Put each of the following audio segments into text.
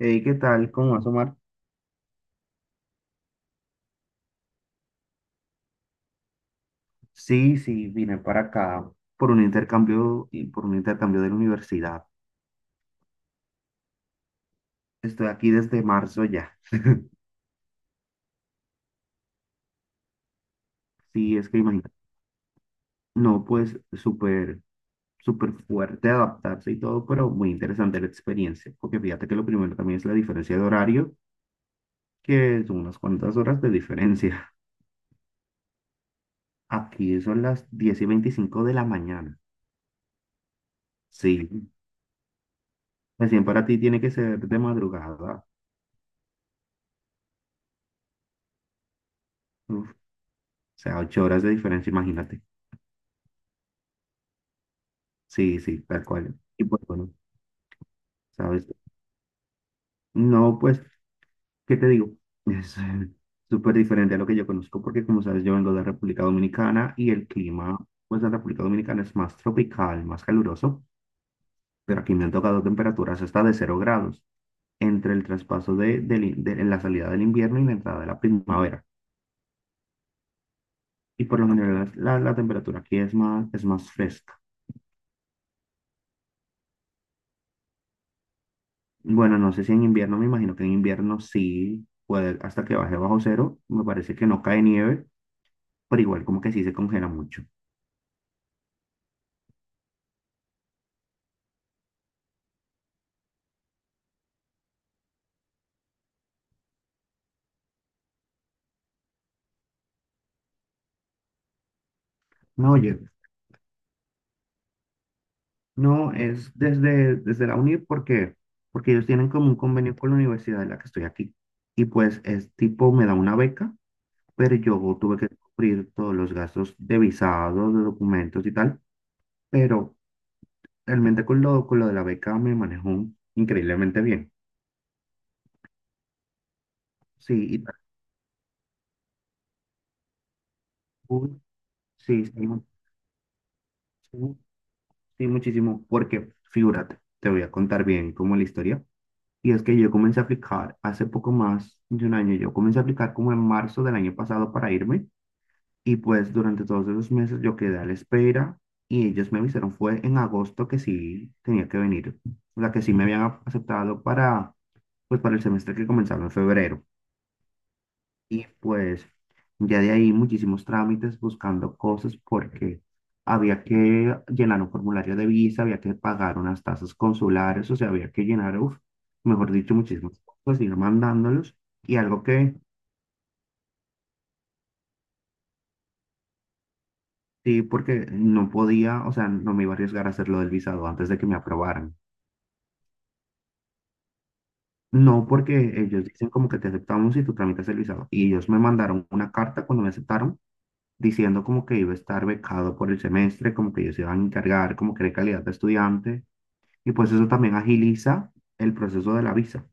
Hey, ¿qué tal? ¿Cómo vas, Omar? Sí, sí, vine para acá por un intercambio de la universidad. Estoy aquí desde marzo ya. Sí, es que imagínate. No, pues súper, súper fuerte adaptarse y todo, pero muy interesante la experiencia. Porque fíjate que lo primero también es la diferencia de horario, que son unas cuantas horas de diferencia. Aquí son las 10:25 de la mañana. Sí, recién para ti tiene que ser de madrugada. Uf, o sea, 8 horas de diferencia, imagínate. Sí, sí, tal cual. Y pues bueno, ¿sabes? No, pues, ¿qué te digo? Es súper diferente a lo que yo conozco porque, como sabes, yo vengo de República Dominicana y el clima, pues, de República Dominicana es más tropical, más caluroso, pero aquí me han tocado temperaturas hasta de 0 grados entre el traspaso de, del in- de- en la salida del invierno y la entrada de la primavera. Y por lo general la temperatura aquí es más, fresca. Bueno, no sé si en invierno, me imagino que en invierno sí puede, hasta que baje bajo cero, me parece que no cae nieve pero igual como que sí se congela mucho. No, oye, no, es desde la UNIR porque ellos tienen como un convenio con la universidad en la que estoy aquí. Y pues es tipo, me da una beca, pero yo tuve que cubrir todos los gastos de visados, de documentos y tal. Pero realmente con lo de la beca me manejo increíblemente bien. Sí, y tal. Uy, Sí, sí, mu- sí, sí, muchísimo. Porque, figúrate, te voy a contar bien como la historia. Y es que yo comencé a aplicar hace poco más de un año. Yo comencé a aplicar como en marzo del año pasado para irme. Y pues durante todos esos meses yo quedé a la espera y ellos me avisaron, fue en agosto que sí tenía que venir. O sea, que sí me habían aceptado para, pues, para el semestre que comenzaba en febrero. Y pues ya de ahí muchísimos trámites buscando cosas porque había que llenar un formulario de visa, había que pagar unas tasas consulares, o sea, había que llenar, uf, mejor dicho, muchísimas cosas, ir mandándolos. Y algo que Sí, porque no podía, o sea, no me iba a arriesgar a hacer lo del visado antes de que me aprobaran. No, porque ellos dicen como que te aceptamos y tú tramitas el visado. Y ellos me mandaron una carta cuando me aceptaron diciendo como que iba a estar becado por el semestre, como que ellos se iban a encargar, como que de calidad de estudiante, y pues eso también agiliza el proceso de la visa.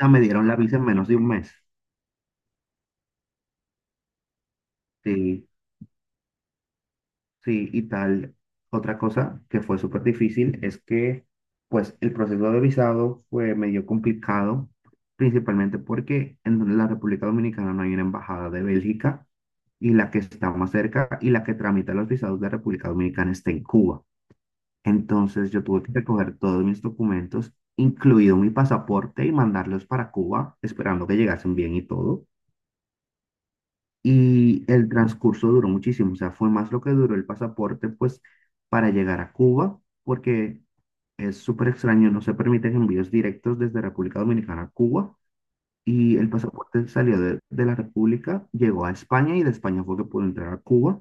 Ya me dieron la visa en menos de un mes, sí, sí, y tal. Otra cosa que fue súper difícil es que, pues, el proceso de visado fue medio complicado, principalmente porque en la República Dominicana no hay una embajada de Bélgica, y la que está más cerca y la que tramita los visados de República Dominicana está en Cuba. Entonces yo tuve que recoger todos mis documentos, incluido mi pasaporte, y mandarlos para Cuba, esperando que llegasen bien y todo. Y el transcurso duró muchísimo, o sea, fue más lo que duró el pasaporte, pues, para llegar a Cuba, porque es súper extraño, no se permiten envíos directos desde República Dominicana a Cuba. Y el pasaporte salió de la República, llegó a España y de España fue que pudo entrar a Cuba.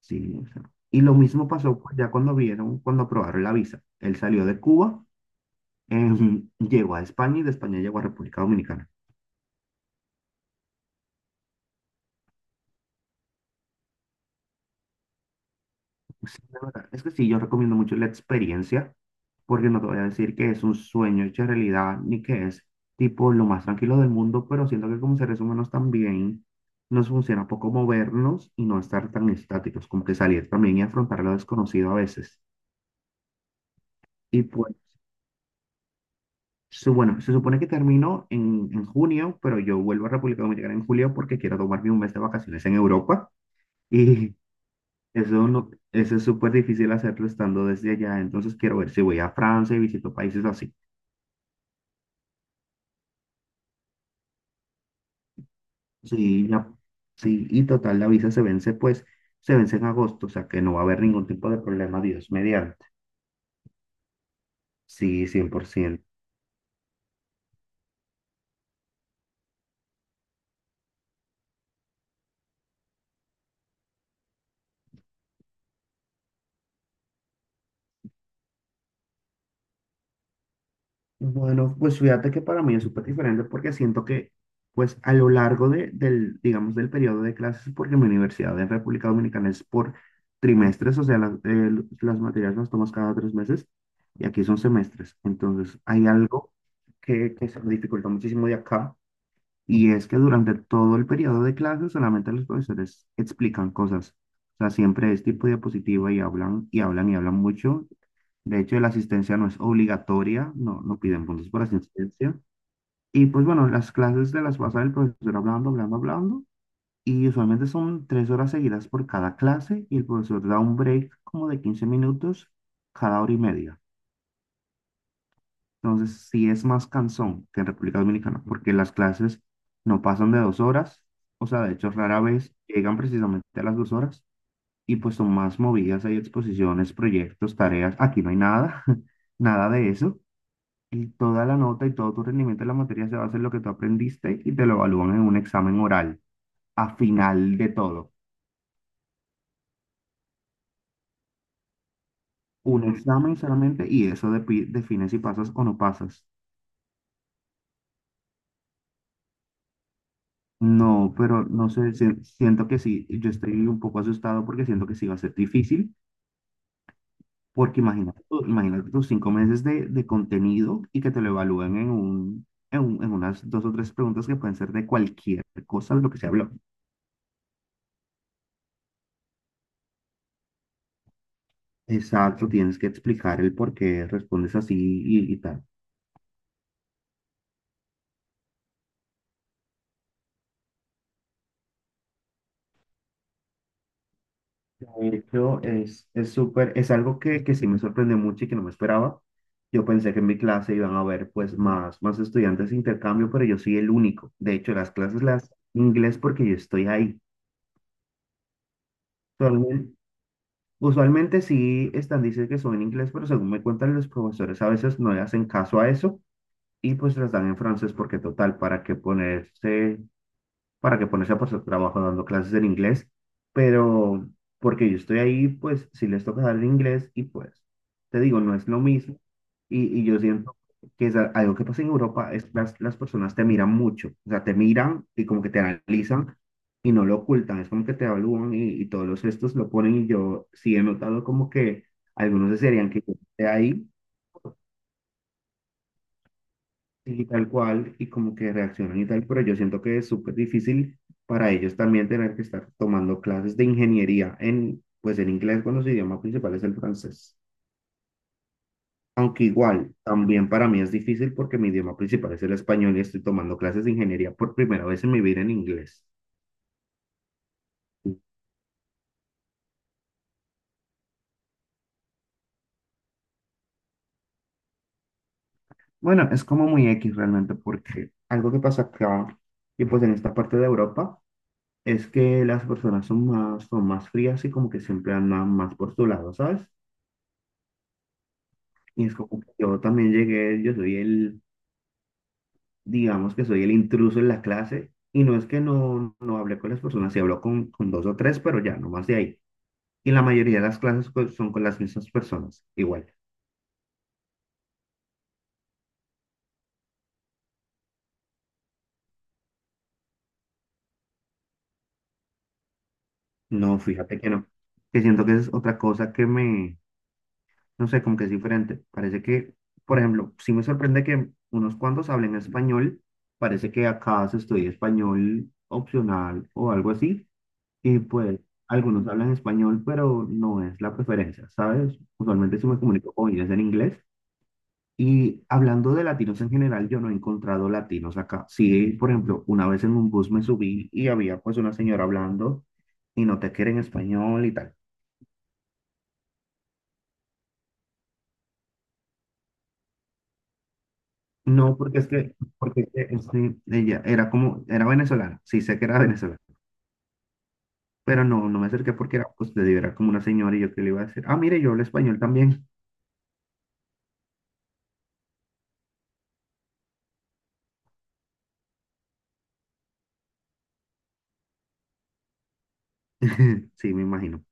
Sí, o sea, y lo mismo pasó pues, ya cuando aprobaron la visa. Él salió de Cuba. Llegó a España y de España llego a República Dominicana. Pues, sí, la verdad, es que sí, yo recomiendo mucho la experiencia, porque no te voy a decir que es un sueño hecho realidad, ni que es tipo lo más tranquilo del mundo, pero siento que como seres humanos también nos funciona poco movernos y no estar tan estáticos, como que salir también y afrontar lo desconocido a veces. Y pues, bueno, se supone que termino en junio, pero yo vuelvo a República Dominicana en julio porque quiero tomarme un mes de vacaciones en Europa. y Eso, no, eso es súper difícil hacerlo estando desde allá, entonces quiero ver si voy a Francia y visito países así. Sí, ya, sí, y total, la visa se vence, pues, se vence en agosto, o sea que no va a haber ningún tipo de problema, Dios mediante. Sí, 100%. Bueno, pues fíjate que para mí es súper diferente porque siento que, pues a lo largo del periodo de clases, porque mi universidad en República Dominicana es por trimestres, o sea, las materias las tomas cada 3 meses y aquí son semestres. Entonces, hay algo que se me dificulta muchísimo de acá. Y es que durante todo el periodo de clase solamente los profesores explican cosas. O sea, siempre es tipo diapositiva y hablan y hablan y hablan mucho. De hecho, la asistencia no es obligatoria, no piden puntos por asistencia. Y pues bueno, las clases se las pasa el profesor hablando, hablando, hablando. Y usualmente son 3 horas seguidas por cada clase y el profesor da un break como de 15 minutos cada hora y media. Entonces, sí es más cansón que en República Dominicana, porque las clases no pasan de 2 horas, o sea, de hecho, rara vez llegan precisamente a las 2 horas y pues son más movidas, hay exposiciones, proyectos, tareas, aquí no hay nada, nada de eso. Y toda la nota y todo tu rendimiento en la materia se basa en lo que tú aprendiste y te lo evalúan en un examen oral, a final de todo. Un examen solamente y eso define si pasas o no pasas. No, pero no sé, siento que sí, yo estoy un poco asustado porque siento que sí va a ser difícil, porque imagínate, imagínate tus 5 meses de contenido y que te lo evalúen en unas dos o tres preguntas que pueden ser de cualquier cosa de lo que se habló. Exacto, tienes que explicar el por qué respondes así y tal. De hecho, es súper, es algo que sí me sorprendió mucho y que no me esperaba. Yo pensé que en mi clase iban a haber pues más estudiantes de intercambio, pero yo soy el único. De hecho, las clases las inglés porque yo estoy ahí. Usualmente, usualmente, sí están, dicen que son en inglés, pero según me cuentan los profesores a veces no le hacen caso a eso y pues las dan en francés porque total, ¿para qué ponerse para que ponerse por su trabajo dando clases en inglés? Pero porque yo estoy ahí, pues si les toca dar el inglés y pues te digo, no es lo mismo y yo siento que es algo que pasa en Europa, es las personas te miran mucho, o sea, te miran y como que te analizan y no lo ocultan, es como que te evalúan y todos los gestos lo ponen y yo sí he notado como que algunos desearían que yo esté ahí y tal cual, y como que reaccionan y tal, pero yo siento que es súper difícil para ellos también tener que estar tomando clases de ingeniería en, pues en inglés cuando su idioma principal es el francés. Aunque igual, también para mí es difícil porque mi idioma principal es el español y estoy tomando clases de ingeniería por primera vez en mi vida en inglés. Bueno, es como muy X realmente porque algo que pasa acá y pues en esta parte de Europa es que las personas son más, frías y como que siempre andan más por su lado, ¿sabes? Y es como que yo también llegué, digamos que soy el intruso en la clase, y no es que no hablé con las personas, sí hablo con dos o tres, pero ya, no más de ahí. Y la mayoría de las clases son con las mismas personas, igual. No, fíjate que no, que siento que es otra cosa que me, no sé, como que es diferente. Parece que, por ejemplo, sí me sorprende que unos cuantos hablen español, parece que acá se estudia español opcional o algo así. Y pues algunos hablan español, pero no es la preferencia, ¿sabes? Usualmente si me comunico con ellos en inglés. Y hablando de latinos en general, yo no he encontrado latinos acá. Sí, por ejemplo, una vez en un bus me subí y había pues una señora hablando y no te quiere en español y tal. No, porque es que, este, ella era como, era venezolana, sí sé que era venezolana, pero no, me acerqué porque era, pues te digo, era como una señora y yo que le iba a decir, ah, mire, yo hablo español también. Sí, me imagino.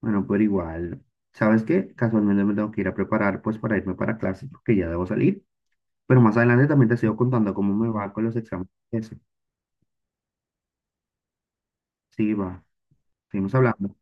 Bueno, pero igual, ¿sabes qué? Casualmente me tengo que ir a preparar pues para irme para clase porque ya debo salir. Pero más adelante también te sigo contando cómo me va con los exámenes. Eso. Sí, va. Seguimos hablando.